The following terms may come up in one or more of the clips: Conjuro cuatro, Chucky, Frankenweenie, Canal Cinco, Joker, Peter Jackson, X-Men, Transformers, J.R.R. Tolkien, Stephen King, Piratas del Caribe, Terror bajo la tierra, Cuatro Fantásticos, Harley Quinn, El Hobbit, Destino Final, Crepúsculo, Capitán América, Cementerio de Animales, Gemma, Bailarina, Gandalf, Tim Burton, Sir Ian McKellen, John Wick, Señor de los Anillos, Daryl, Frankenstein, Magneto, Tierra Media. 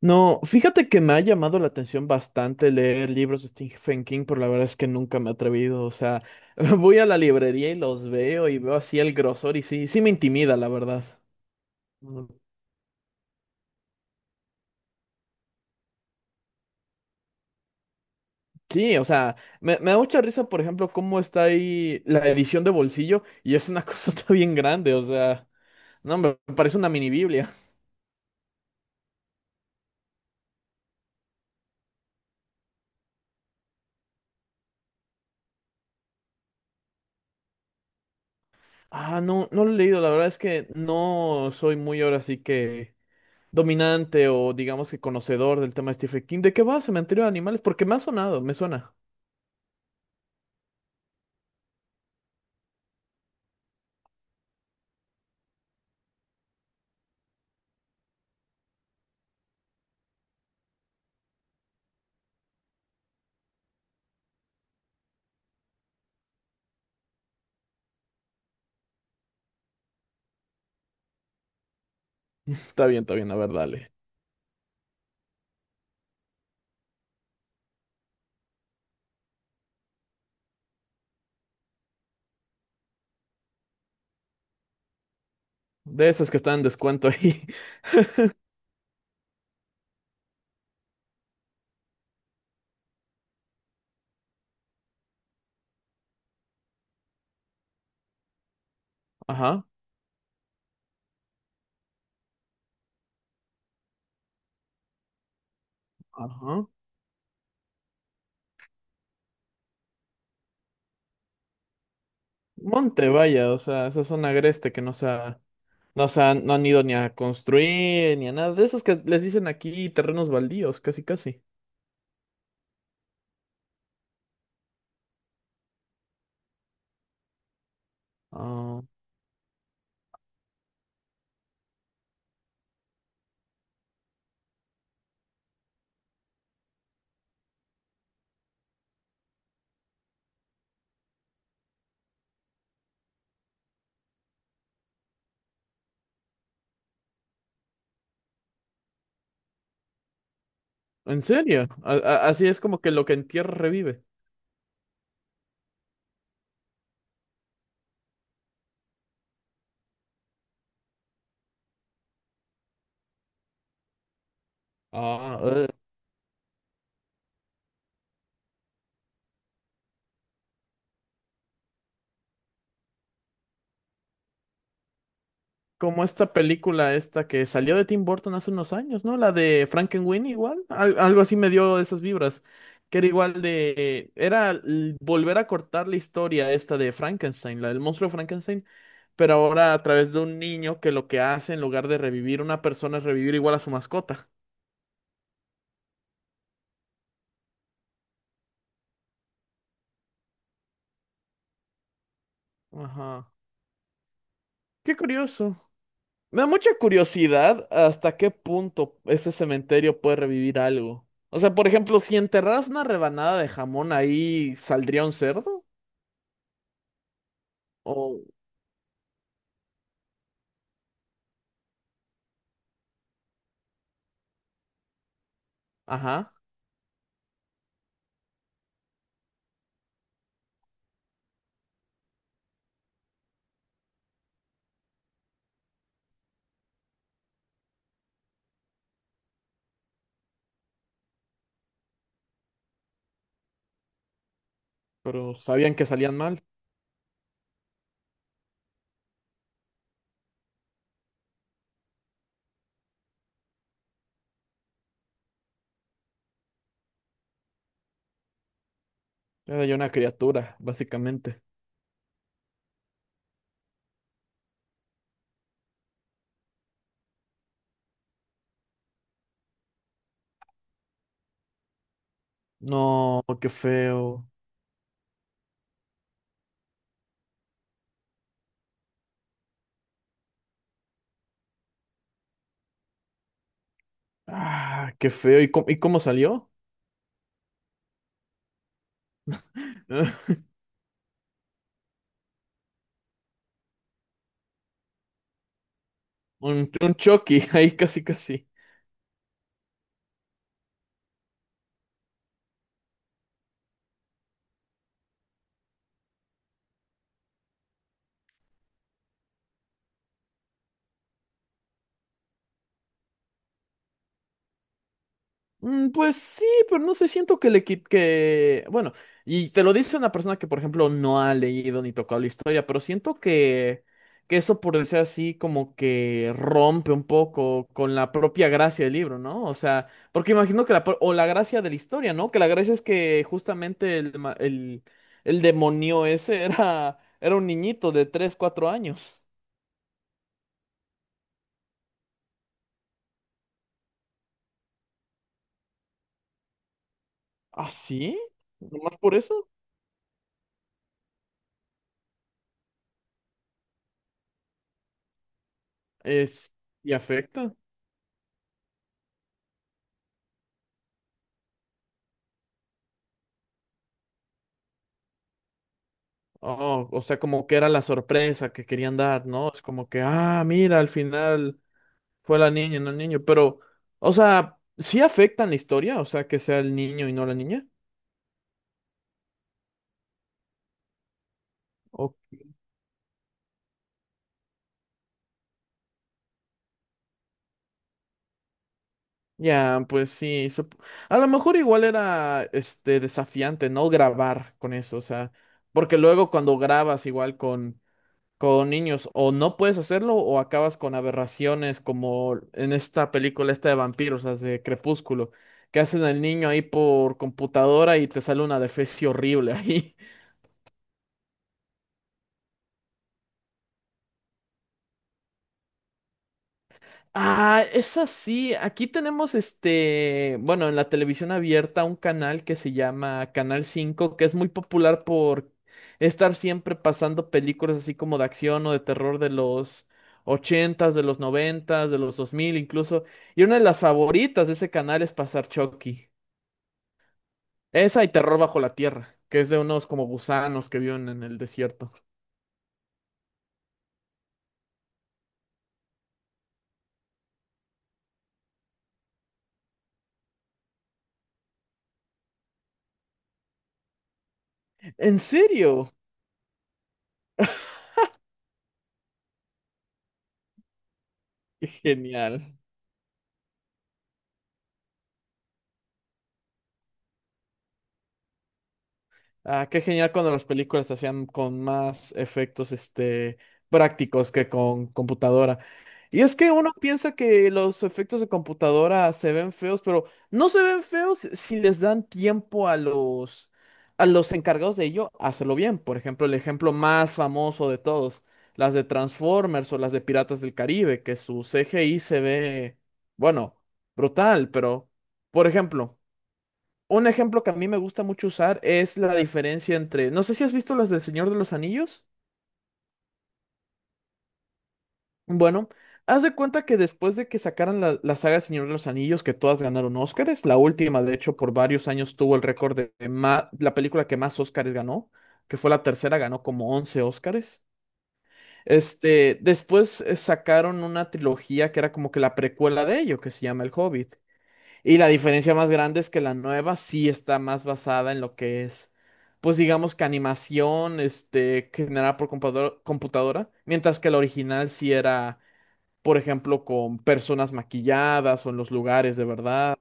No, fíjate que me ha llamado la atención bastante leer libros de Stephen King, pero la verdad es que nunca me he atrevido. O sea, voy a la librería y los veo y veo así el grosor y sí, sí me intimida, la verdad. Mm. Sí, o sea, me da mucha risa, por ejemplo, cómo está ahí la edición de bolsillo y es una cosa bien grande, o sea, no, me parece una mini Biblia. Ah, no, no lo he leído, la verdad es que no soy muy ahora sí que dominante o digamos que conocedor del tema de Stephen King. ¿De qué va Cementerio de Animales? Porque me ha sonado, me suena. Está bien, a ver, dale. De esas que están en descuento ahí. Ajá, ajá. Monte, vaya, o sea, esa zona agreste que no se han, no han ido ni a construir ni a nada. De esos que les dicen aquí terrenos baldíos, casi casi. Ah, ¿en serio? Así es como que lo que en tierra revive. Ah, como esta película esta que salió de Tim Burton hace unos años, ¿no? La de Frankenweenie igual, algo así me dio esas vibras, que era igual de, volver a cortar la historia esta de Frankenstein, la del monstruo Frankenstein, pero ahora a través de un niño que lo que hace en lugar de revivir una persona es revivir igual a su mascota. Ajá. Qué curioso. Me da mucha curiosidad hasta qué punto ese cementerio puede revivir algo. O sea, por ejemplo, si enterraras una rebanada de jamón ahí, ¿saldría un cerdo? O, ajá, pero sabían que salían mal. Era ya una criatura, básicamente. No, qué feo. Ah, qué feo. ¿Y cómo salió? Un Chucky, ahí casi casi. Mm, pues sí, pero no sé, siento que le quit que, bueno, y te lo dice una persona que, por ejemplo, no ha leído ni tocado la historia, pero siento que eso, por decir así, como que rompe un poco con la propia gracia del libro, ¿no? O sea, porque imagino que la, pro- o la gracia de la historia, ¿no? Que la gracia es que justamente el demonio ese era, era un niñito de tres cuatro años. ¿Ah, sí? ¿Nomás por eso? Es, y afecta. Oh, o sea, como que era la sorpresa que querían dar, ¿no? Es como que, ah, mira, al final fue la niña y no el niño, pero, o sea, ¿sí afectan la historia? O sea, que sea el niño y no la niña. O- ya, pues sí, a lo mejor igual era, este, desafiante, ¿no? Grabar con eso, o sea, porque luego cuando grabas igual con niños, o no puedes hacerlo, o acabas con aberraciones como en esta película esta de vampiros, las de Crepúsculo, que hacen al niño ahí por computadora y te sale una defecio horrible ahí. Ah, es así. Aquí tenemos este, bueno, en la televisión abierta un canal que se llama Canal Cinco que es muy popular por estar siempre pasando películas así como de acción o de terror de los ochentas, de los noventas, de los 2000, incluso. Y una de las favoritas de ese canal es pasar Chucky. Esa y Terror bajo la tierra, que es de unos como gusanos que viven en el desierto. ¿En serio? Qué genial. Ah, qué genial cuando las películas se hacían con más efectos, este, prácticos que con computadora. Y es que uno piensa que los efectos de computadora se ven feos, pero no se ven feos si les dan tiempo a los encargados de ello a hacerlo bien. Por ejemplo, el ejemplo más famoso de todos, las de Transformers o las de Piratas del Caribe, que su CGI se ve, bueno, brutal, pero, por ejemplo. Un ejemplo que a mí me gusta mucho usar es la diferencia entre, no sé si has visto las del Señor de los Anillos. Bueno, haz de cuenta que después de que sacaran la, la saga Señor de los Anillos, que todas ganaron Óscares, la última, de hecho, por varios años tuvo el récord de, la película que más Óscares ganó, que fue la tercera, ganó como 11 Óscares. Este, después sacaron una trilogía que era como que la precuela de ello, que se llama El Hobbit. Y la diferencia más grande es que la nueva sí está más basada en lo que es, pues digamos que animación, este, generada por computadora, mientras que la original sí era, por ejemplo, con personas maquilladas o en los lugares de verdad.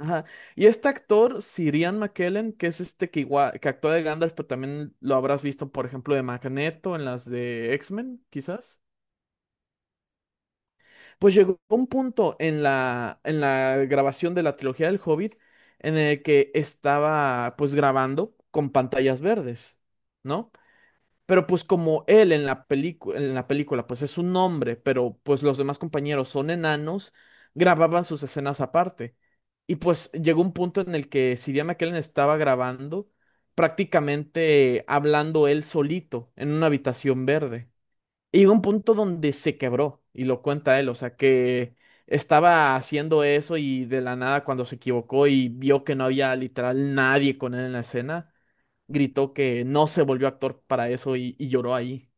Ajá. Y este actor, Sir Ian McKellen, que es este que igual, que actúa de Gandalf, pero también lo habrás visto, por ejemplo, de Magneto en las de X-Men, quizás. Pues llegó un punto en la grabación de la trilogía del Hobbit en el que estaba pues grabando con pantallas verdes, ¿no? Pero pues como él en la película pues es un hombre, pero pues los demás compañeros son enanos, grababan sus escenas aparte. Y pues llegó un punto en el que si Ian McKellen estaba grabando prácticamente hablando él solito en una habitación verde. Y llegó un punto donde se quebró, y lo cuenta él, o sea, que estaba haciendo eso y de la nada cuando se equivocó y vio que no había literal nadie con él en la escena, gritó que no se volvió actor para eso y lloró ahí.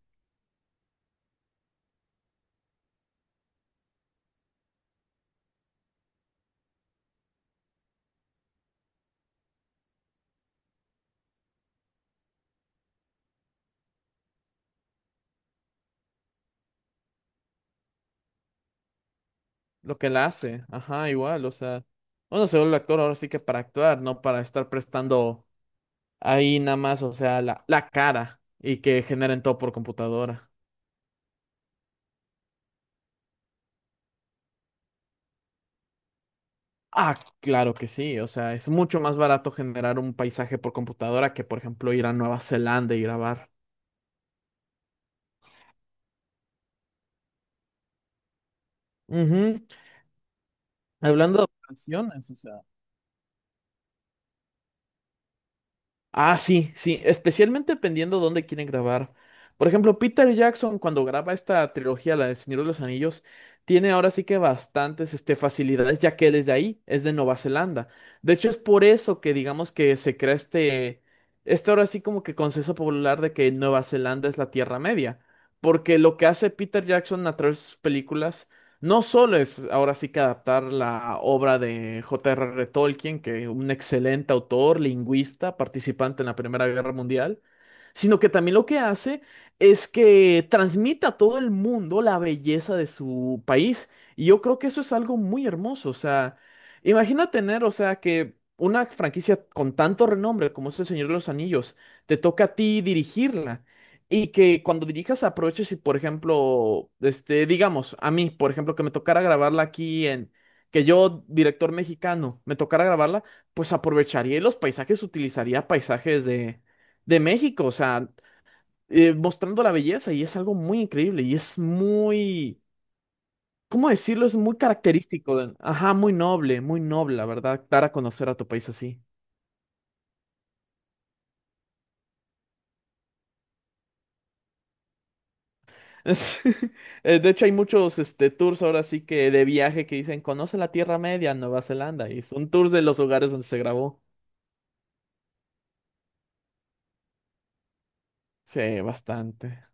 Lo que la hace, ajá, igual, o sea, uno se vuelve actor ahora sí que para actuar, no para estar prestando ahí nada más, o sea, la cara y que generen todo por computadora. Ah, claro que sí. O sea, es mucho más barato generar un paisaje por computadora que, por ejemplo, ir a Nueva Zelanda y grabar. Ujú. Hablando de operaciones, ah, sí, sí, especialmente dependiendo dónde quieren grabar. Por ejemplo, Peter Jackson, cuando graba esta trilogía, la del Señor de los Anillos, tiene ahora sí que bastantes este, facilidades, ya que él es de ahí, es de Nueva Zelanda. De hecho, es por eso que digamos que se crea este, este ahora sí como que consenso popular de que Nueva Zelanda es la Tierra Media. Porque lo que hace Peter Jackson a través de sus películas no solo es ahora sí que adaptar la obra de J.R.R. Tolkien, que un excelente autor, lingüista, participante en la Primera Guerra Mundial, sino que también lo que hace es que transmite a todo el mundo la belleza de su país. Y yo creo que eso es algo muy hermoso. O sea, imagina tener, o sea, que una franquicia con tanto renombre como es El Señor de los Anillos, te toca a ti dirigirla. Y que cuando dirijas aproveches y, por ejemplo, este, digamos, a mí, por ejemplo, que me tocara grabarla aquí en, que yo, director mexicano, me tocara grabarla, pues aprovecharía y los paisajes, utilizaría paisajes de México, o sea, mostrando la belleza y es algo muy increíble y es muy, ¿cómo decirlo? Es muy característico, ajá, muy noble, la verdad, dar a conocer a tu país así. De hecho, hay muchos este, tours ahora sí que de viaje que dicen, conoce la Tierra Media, Nueva Zelanda, y son tours de los lugares donde se grabó. Sí, bastante.